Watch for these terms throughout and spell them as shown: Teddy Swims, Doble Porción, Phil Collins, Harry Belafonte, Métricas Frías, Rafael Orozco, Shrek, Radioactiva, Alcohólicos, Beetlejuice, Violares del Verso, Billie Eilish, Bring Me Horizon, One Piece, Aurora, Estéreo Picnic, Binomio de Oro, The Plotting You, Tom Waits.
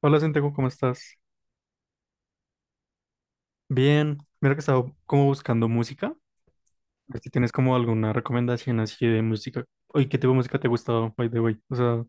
Hola, Santiago, ¿cómo estás? Bien, mira que estaba como buscando música. A ver si tienes como alguna recomendación así de música. Oye, ¿qué tipo de música te ha gustado, by the way? O sea,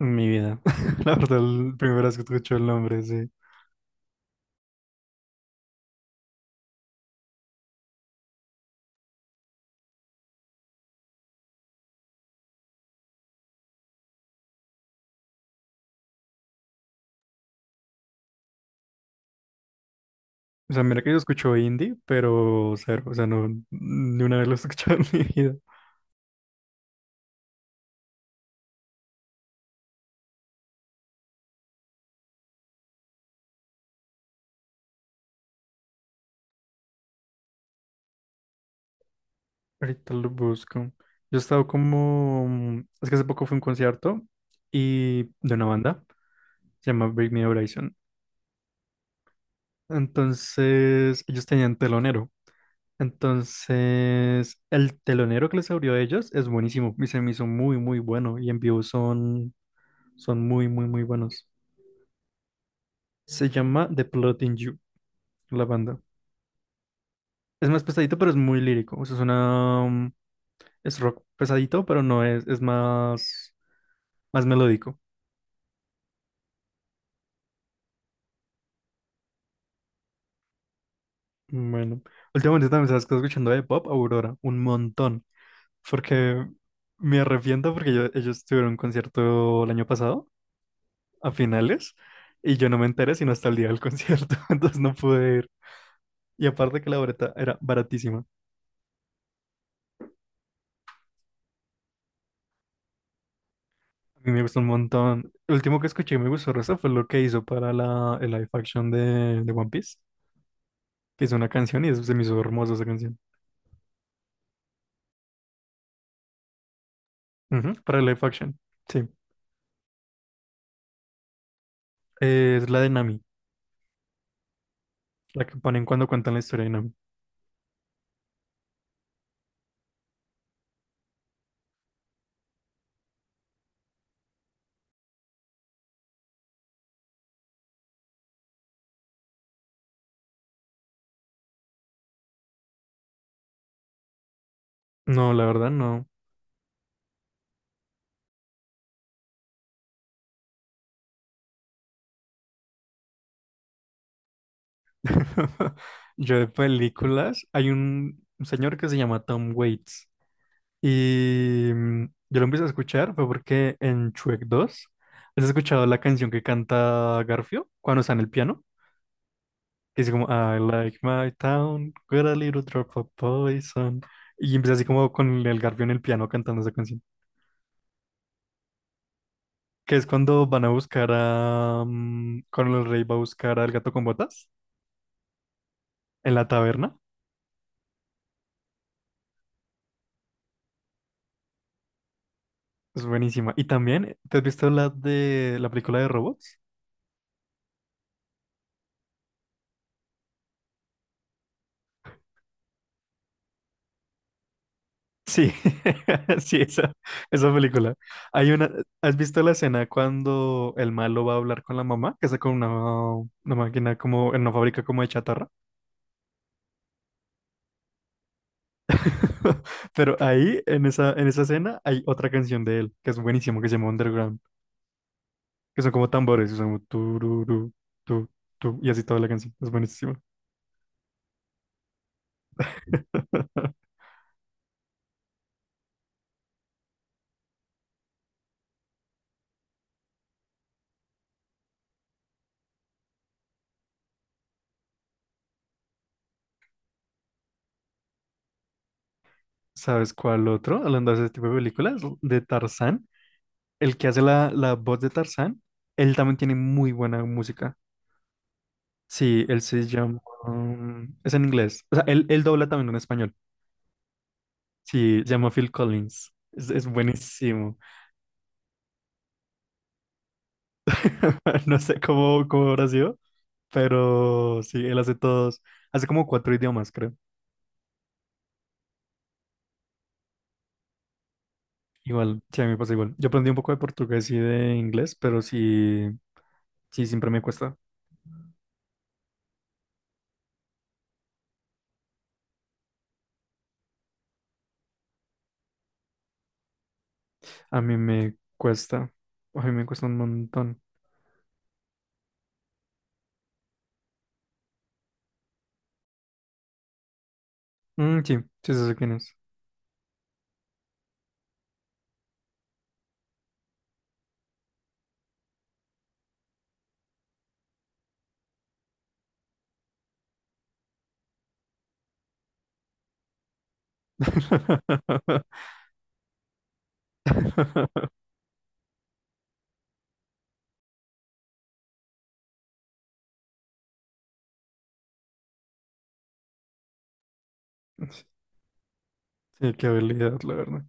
en mi vida. La verdad, la primera vez que escucho el nombre, sí. O sea, mira que yo escucho indie, pero cero. O sea, no, ni una vez lo he escuchado en mi vida. Ahorita lo busco. Yo he estado como... es que hace poco fue un concierto y de una banda. Se llama Bring Me Horizon. Entonces, ellos tenían telonero. Entonces, el telonero que les abrió a ellos es buenísimo y se me hizo muy bueno. Y en vivo son muy buenos. Se llama The Plotting You, la banda. Es más pesadito, pero es muy lírico. O sea, es una, es rock pesadito, pero no es, es más melódico. Bueno, últimamente también sabes que estoy escuchando de pop Aurora, un montón. Porque me arrepiento porque ellos tuvieron un concierto el año pasado a finales y yo no me enteré sino hasta el día del concierto, entonces no pude ir. Y aparte que la boleta era baratísima. A mí me gustó un montón. El último que escuché y me gustó Rosa fue lo que hizo para el live action de, One Piece, que hizo una canción y eso se me hizo hermosa esa canción. Ujú, para el live action, sí. Es la de Nami, la que ponen cuando cuentan la historia de Nami. No, la verdad no. Yo de películas, hay un señor que se llama Tom Waits. Y yo lo empecé a escuchar fue porque en Shrek dos ¿has escuchado la canción que canta Garfio cuando está en el piano? Que dice como, I like my town, with a little drop of poison. Y empieza así como con el Garfio en el piano cantando esa canción. Que es cuando van a buscar a... cuando el rey va a buscar al gato con botas en la taberna. Es buenísima. Y también, ¿te has visto la de la película de robots? Sí, sí, esa película. Hay una, ¿has visto la escena cuando el malo va a hablar con la mamá? Que está con una máquina como, en una fábrica como de chatarra. Pero ahí, en esa escena, hay otra canción de él, que es buenísimo, que se llama Underground, que son como tambores, y son como tururú, tu, tu, y así toda la canción. Es buenísimo. ¿Sabes cuál otro? Hablando de ese tipo de películas, de Tarzán, el que hace la voz de Tarzán, él también tiene muy buena música. Sí, él se llama... es en inglés. O sea, él dobla también en español. Sí, se llama Phil Collins. Es buenísimo. No sé cómo habrá sido, pero sí, él hace todos. Hace como cuatro idiomas, creo. Igual, sí, a mí me pasa igual. Yo aprendí un poco de portugués y de inglés, pero sí, siempre me cuesta. A mí me cuesta. A mí me cuesta un montón. Mm, sí, sí sé quién es. Sí, qué habilidad, la verdad.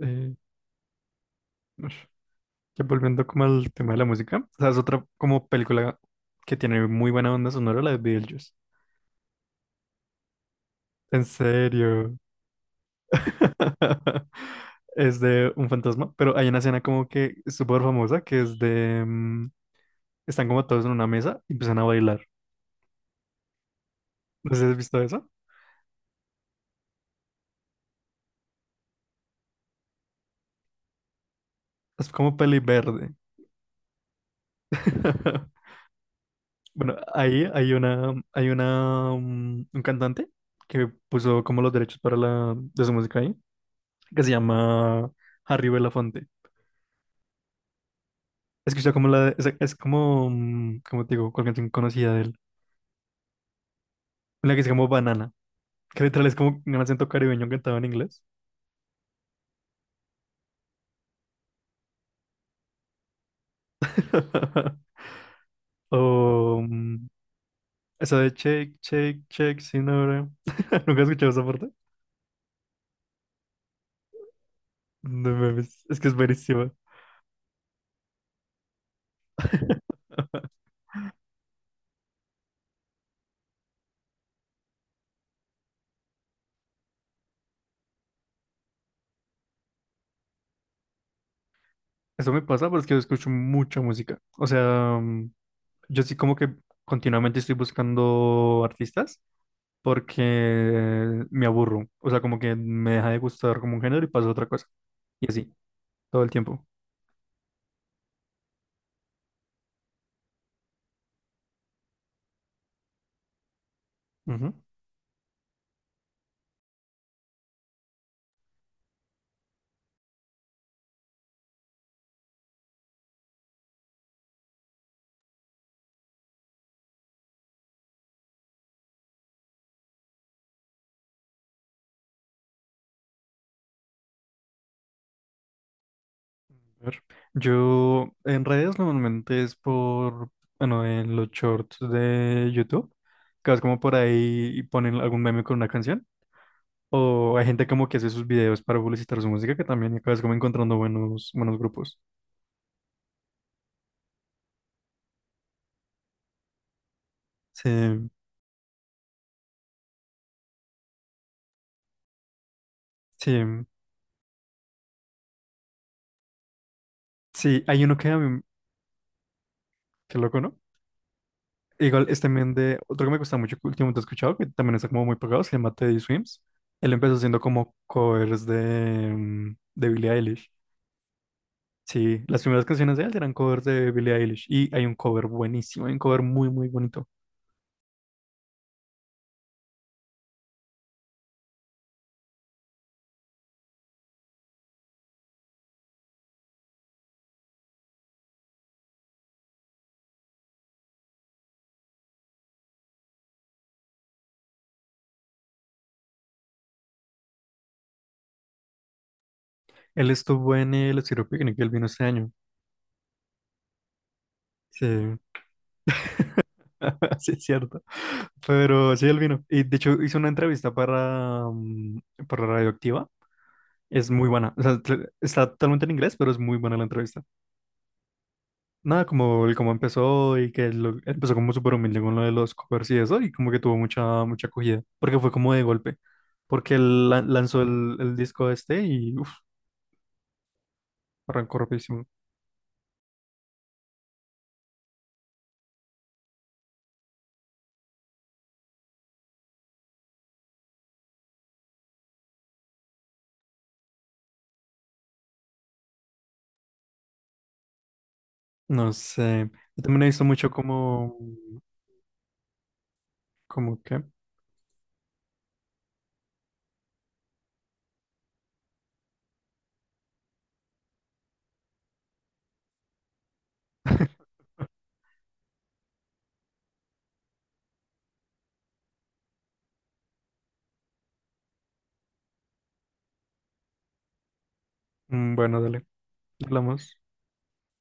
Eh, Ya volviendo como al tema de la música, o sea, es otra como película que tiene muy buena onda sonora, la de Beetlejuice. En serio. Es de un fantasma, pero hay una escena como que súper famosa que es de... están como todos en una mesa y empiezan a bailar. No sé si has visto eso. Es como peli verde. Bueno, ahí hay una, un cantante que puso como los derechos para de su música ahí, que se llama Harry Belafonte. Escucha como es, es como, como te digo, cuál canción conocida de él. Una que se llama Banana, que literal es como un acento caribeño cantado en inglés. O esa de Shake, Shake, Shake, sin ahora. ¿Nunca has escuchado esa parte? No mames, es que es buenísima. Eso me pasa porque yo escucho mucha música. O sea, yo sí como que continuamente estoy buscando artistas porque me aburro. O sea, como que me deja de gustar como un género y paso a otra cosa. Y así, todo el tiempo. Ujú. A ver. Yo en redes normalmente es por, bueno, en los shorts de YouTube, que vas como por ahí y ponen algún meme con una canción. O hay gente como que hace sus videos para publicitar su música, que también acabas como encontrando buenos grupos. Sí, sí, sí, hay uno que a mí, qué loco, ¿no? Igual es también de otro que me gusta mucho que últimamente he escuchado, que también está como muy pegado, se llama Teddy Swims. Él empezó haciendo como covers de, de Billie Eilish. Sí, las primeras canciones de él eran covers de Billie Eilish y hay un cover buenísimo, hay un cover muy bonito. Él estuvo en el Estéreo Picnic, él vino este año. Sí, sí, es cierto. Pero sí, él vino. Y de hecho hizo una entrevista para, para Radioactiva. Es muy buena. O sea, está totalmente en inglés, pero es muy buena la entrevista. Nada, como el cómo empezó y que empezó como súper humilde con lo de los covers y eso, y como que tuvo mucha acogida, porque fue como de golpe, porque lanzó el disco este y uf, arrancó rapidísimo. No sé, yo también he visto mucho como, como que, mm, bueno, dale, hablamos.